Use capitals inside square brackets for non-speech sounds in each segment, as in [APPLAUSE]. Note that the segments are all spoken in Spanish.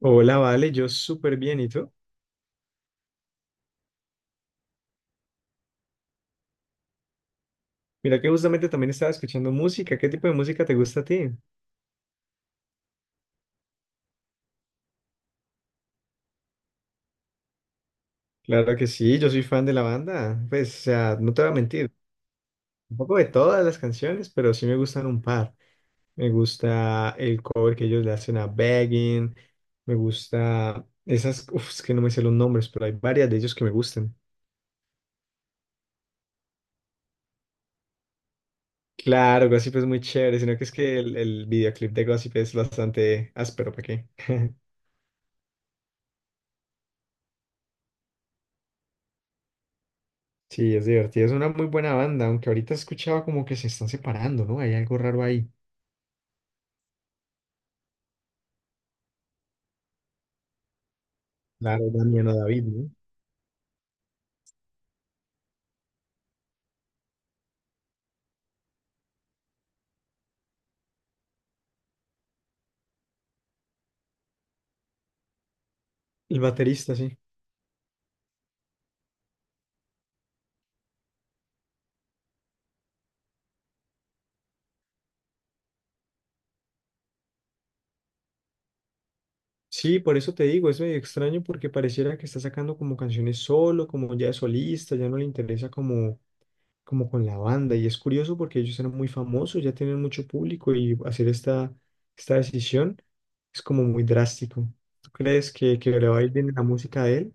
Hola, vale, yo súper bien, ¿y tú? Mira que justamente también estaba escuchando música. ¿Qué tipo de música te gusta a ti? Claro que sí, yo soy fan de la banda. Pues, o sea, no te voy a mentir, un poco de todas las canciones, pero sí me gustan un par. Me gusta el cover que ellos le hacen a Begging, me gusta esas, es que no me sé los nombres, pero hay varias de ellos que me gustan. Claro, Gossip es muy chévere, sino que es que el videoclip de Gossip es bastante áspero, ¿para qué? Sí, es divertido, es una muy buena banda, aunque ahorita he escuchado como que se están separando, ¿no? Hay algo raro ahí. Claro, Damiano David, ¿no? El baterista, sí. Sí, por eso te digo, es medio extraño porque pareciera que está sacando como canciones solo, como ya de solista, ya no le interesa como, como con la banda. Y es curioso porque ellos eran muy famosos, ya tienen mucho público y hacer esta decisión es como muy drástico. ¿Tú crees que le va a ir bien en la música de él?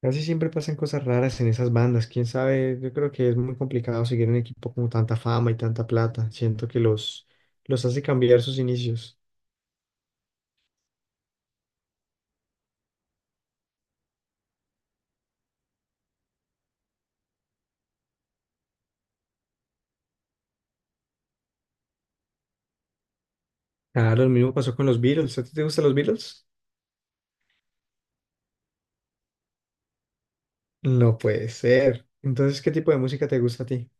Casi siempre pasan cosas raras en esas bandas. Quién sabe, yo creo que es muy complicado seguir un equipo con tanta fama y tanta plata. Siento que los hace cambiar sus inicios. Claro, lo mismo pasó con los Beatles. ¿A ti te gustan los Beatles? No puede ser. Entonces, ¿qué tipo de música te gusta a ti?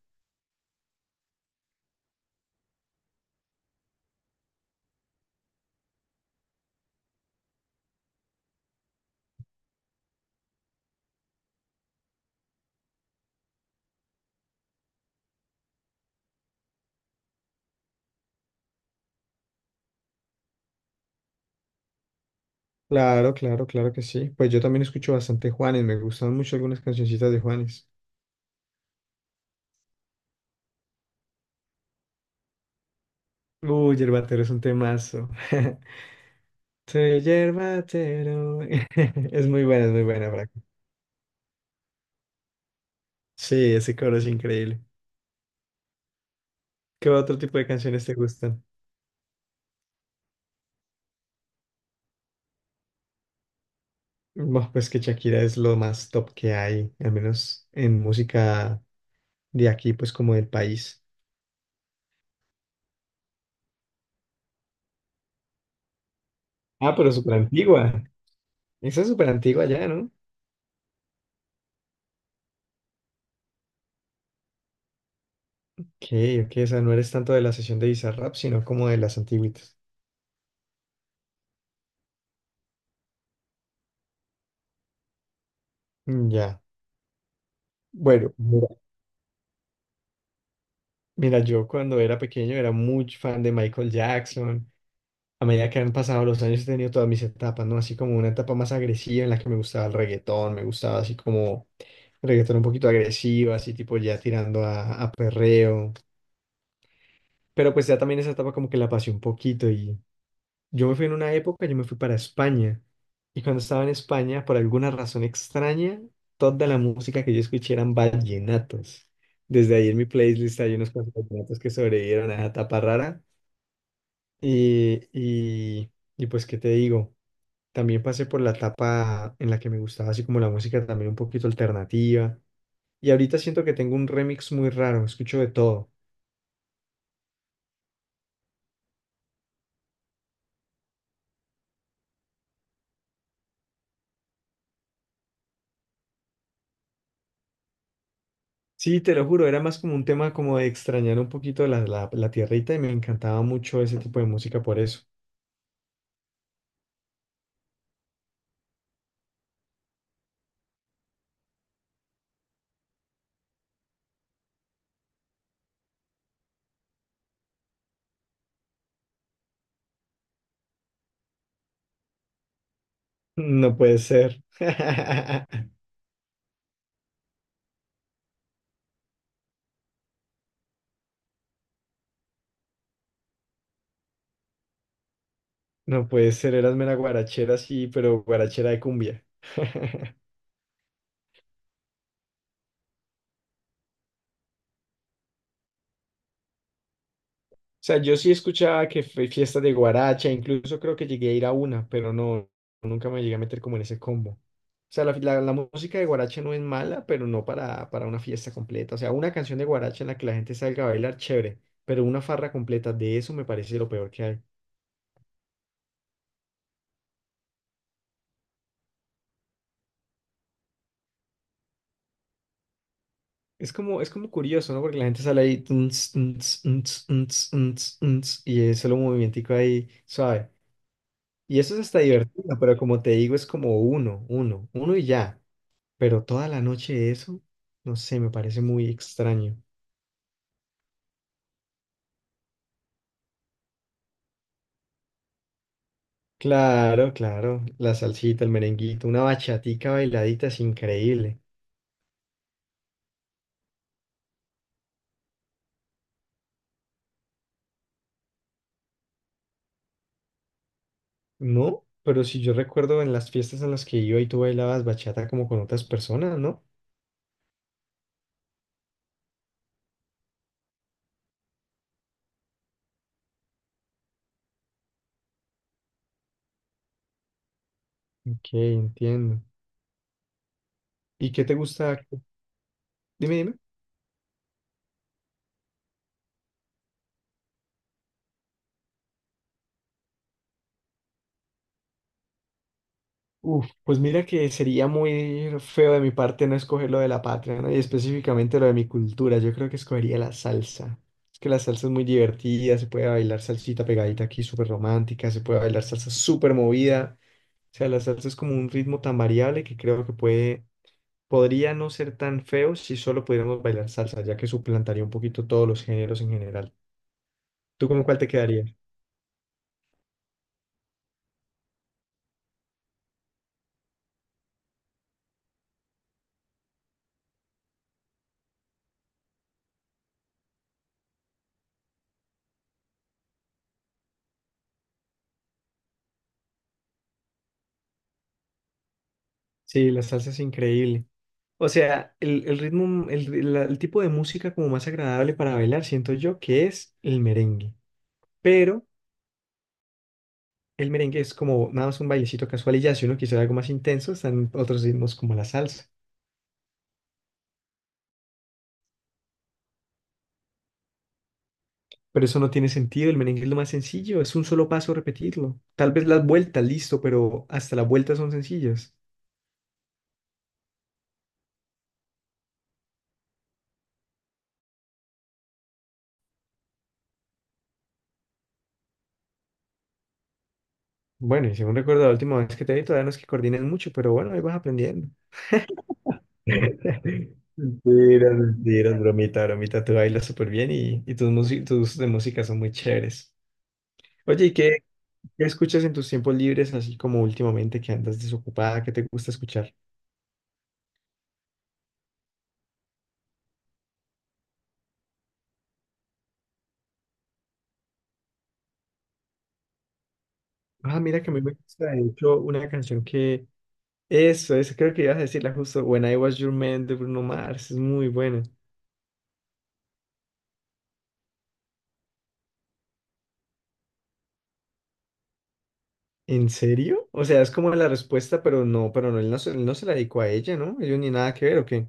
Claro, claro, claro que sí. Pues yo también escucho bastante Juanes. Me gustan mucho algunas cancioncitas de Juanes. Uy, Yerbatero es un temazo. [LAUGHS] Soy Yerbatero. [LAUGHS] Es muy buena, Franco. Sí, ese coro es increíble. ¿Qué otro tipo de canciones te gustan? Buah, pues que Shakira es lo más top que hay, al menos en música de aquí, pues como del país. Ah, pero súper antigua. Esa es súper antigua ya, ¿no? Ok, ok, o sea, no eres tanto de la sesión de Bizarrap, sino como de las antiguitas. Mm, ya. Bueno, mira, mira, yo cuando era pequeño era muy fan de Michael Jackson. A medida que han pasado los años he tenido todas mis etapas, ¿no? Así como una etapa más agresiva en la que me gustaba el reggaetón, me gustaba así como reggaetón un poquito agresivo, así tipo ya tirando a perreo. Pero pues ya también esa etapa como que la pasé un poquito y yo me fui en una época, yo me fui para España. Y cuando estaba en España, por alguna razón extraña, toda la música que yo escuché eran vallenatos. Desde ahí en mi playlist hay unos cuantos vallenatos que sobrevivieron a esa etapa rara. Y, y, y pues, ¿qué te digo? También pasé por la etapa en la que me gustaba así como la música también un poquito alternativa. Y ahorita siento que tengo un remix muy raro, escucho de todo. Sí, te lo juro, era más como un tema como de extrañar un poquito la tierrita y me encantaba mucho ese tipo de música por eso. [LAUGHS] No puede ser. [LAUGHS] No puede ser, eras mera guarachera, sí, pero guarachera de cumbia. [LAUGHS] Sea, yo sí escuchaba que fue fiesta de guaracha, incluso creo que llegué a ir a una, pero no, nunca me llegué a meter como en ese combo. O sea, la música de guaracha no es mala, pero no para una fiesta completa. O sea, una canción de guaracha en la que la gente salga a bailar, chévere, pero una farra completa de eso me parece lo peor que hay. Es como curioso, ¿no? Porque la gente sale ahí tuns, tuns, tuns, tuns, tuns, tuns, y es solo un movimentico ahí suave. Y eso es hasta divertido, pero como te digo, es como uno, uno, uno y ya. Pero toda la noche eso, no sé, me parece muy extraño. Claro, claro, la salsita, el merenguito, una bachatica bailadita es increíble, ¿no? Pero si yo recuerdo en las fiestas en las que iba y tú bailabas bachata como con otras personas, ¿no? Ok, entiendo. ¿Y qué te gusta? Dime, dime. Uf, pues mira que sería muy feo de mi parte no escoger lo de la patria, ¿no? Y específicamente lo de mi cultura. Yo creo que escogería la salsa. Es que la salsa es muy divertida, se puede bailar salsita pegadita aquí, súper romántica, se puede bailar salsa súper movida. O sea, la salsa es como un ritmo tan variable que creo que puede, podría no ser tan feo si solo pudiéramos bailar salsa, ya que suplantaría un poquito todos los géneros en general. ¿Tú con cuál te quedarías? Sí, la salsa es increíble. O sea, el ritmo, el tipo de música como más agradable para bailar, siento yo que es el merengue. Pero el merengue es como nada más un bailecito casual y ya, si uno quisiera algo más intenso, están otros ritmos como la salsa. Pero eso no tiene sentido, el merengue es lo más sencillo, es un solo paso repetirlo. Tal vez las vueltas, listo, pero hasta las vueltas son sencillas. Bueno, y según recuerdo la última vez que te vi, todavía no es que coordines mucho, pero bueno, ahí vas aprendiendo. [LAUGHS] Mentiras, mentiras, bromita, bromita, tú bailas súper bien y, tus, tus gustos de música son muy chéveres. Oye, ¿y qué escuchas en tus tiempos libres, así como últimamente que andas desocupada? ¿Qué te gusta escuchar? Ah, mira que a mí me gusta, de hecho, una canción que... Eso creo que ibas a decirla justo, When I Was Your Man de Bruno Mars, es muy buena. ¿En serio? O sea, es como la respuesta, pero no, él él no se la dedicó a ella, ¿no? Ellos ni nada que ver, ¿o qué?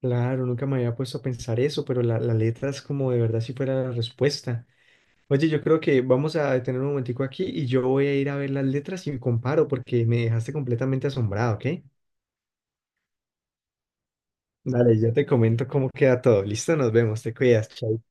Claro, nunca me había puesto a pensar eso, pero la letra es como de verdad si fuera la respuesta. Oye, yo creo que vamos a detener un momentico aquí y yo voy a ir a ver las letras y comparo porque me dejaste completamente asombrado, ¿ok? Dale, yo te comento cómo queda todo. Listo, nos vemos, te cuidas. Chao.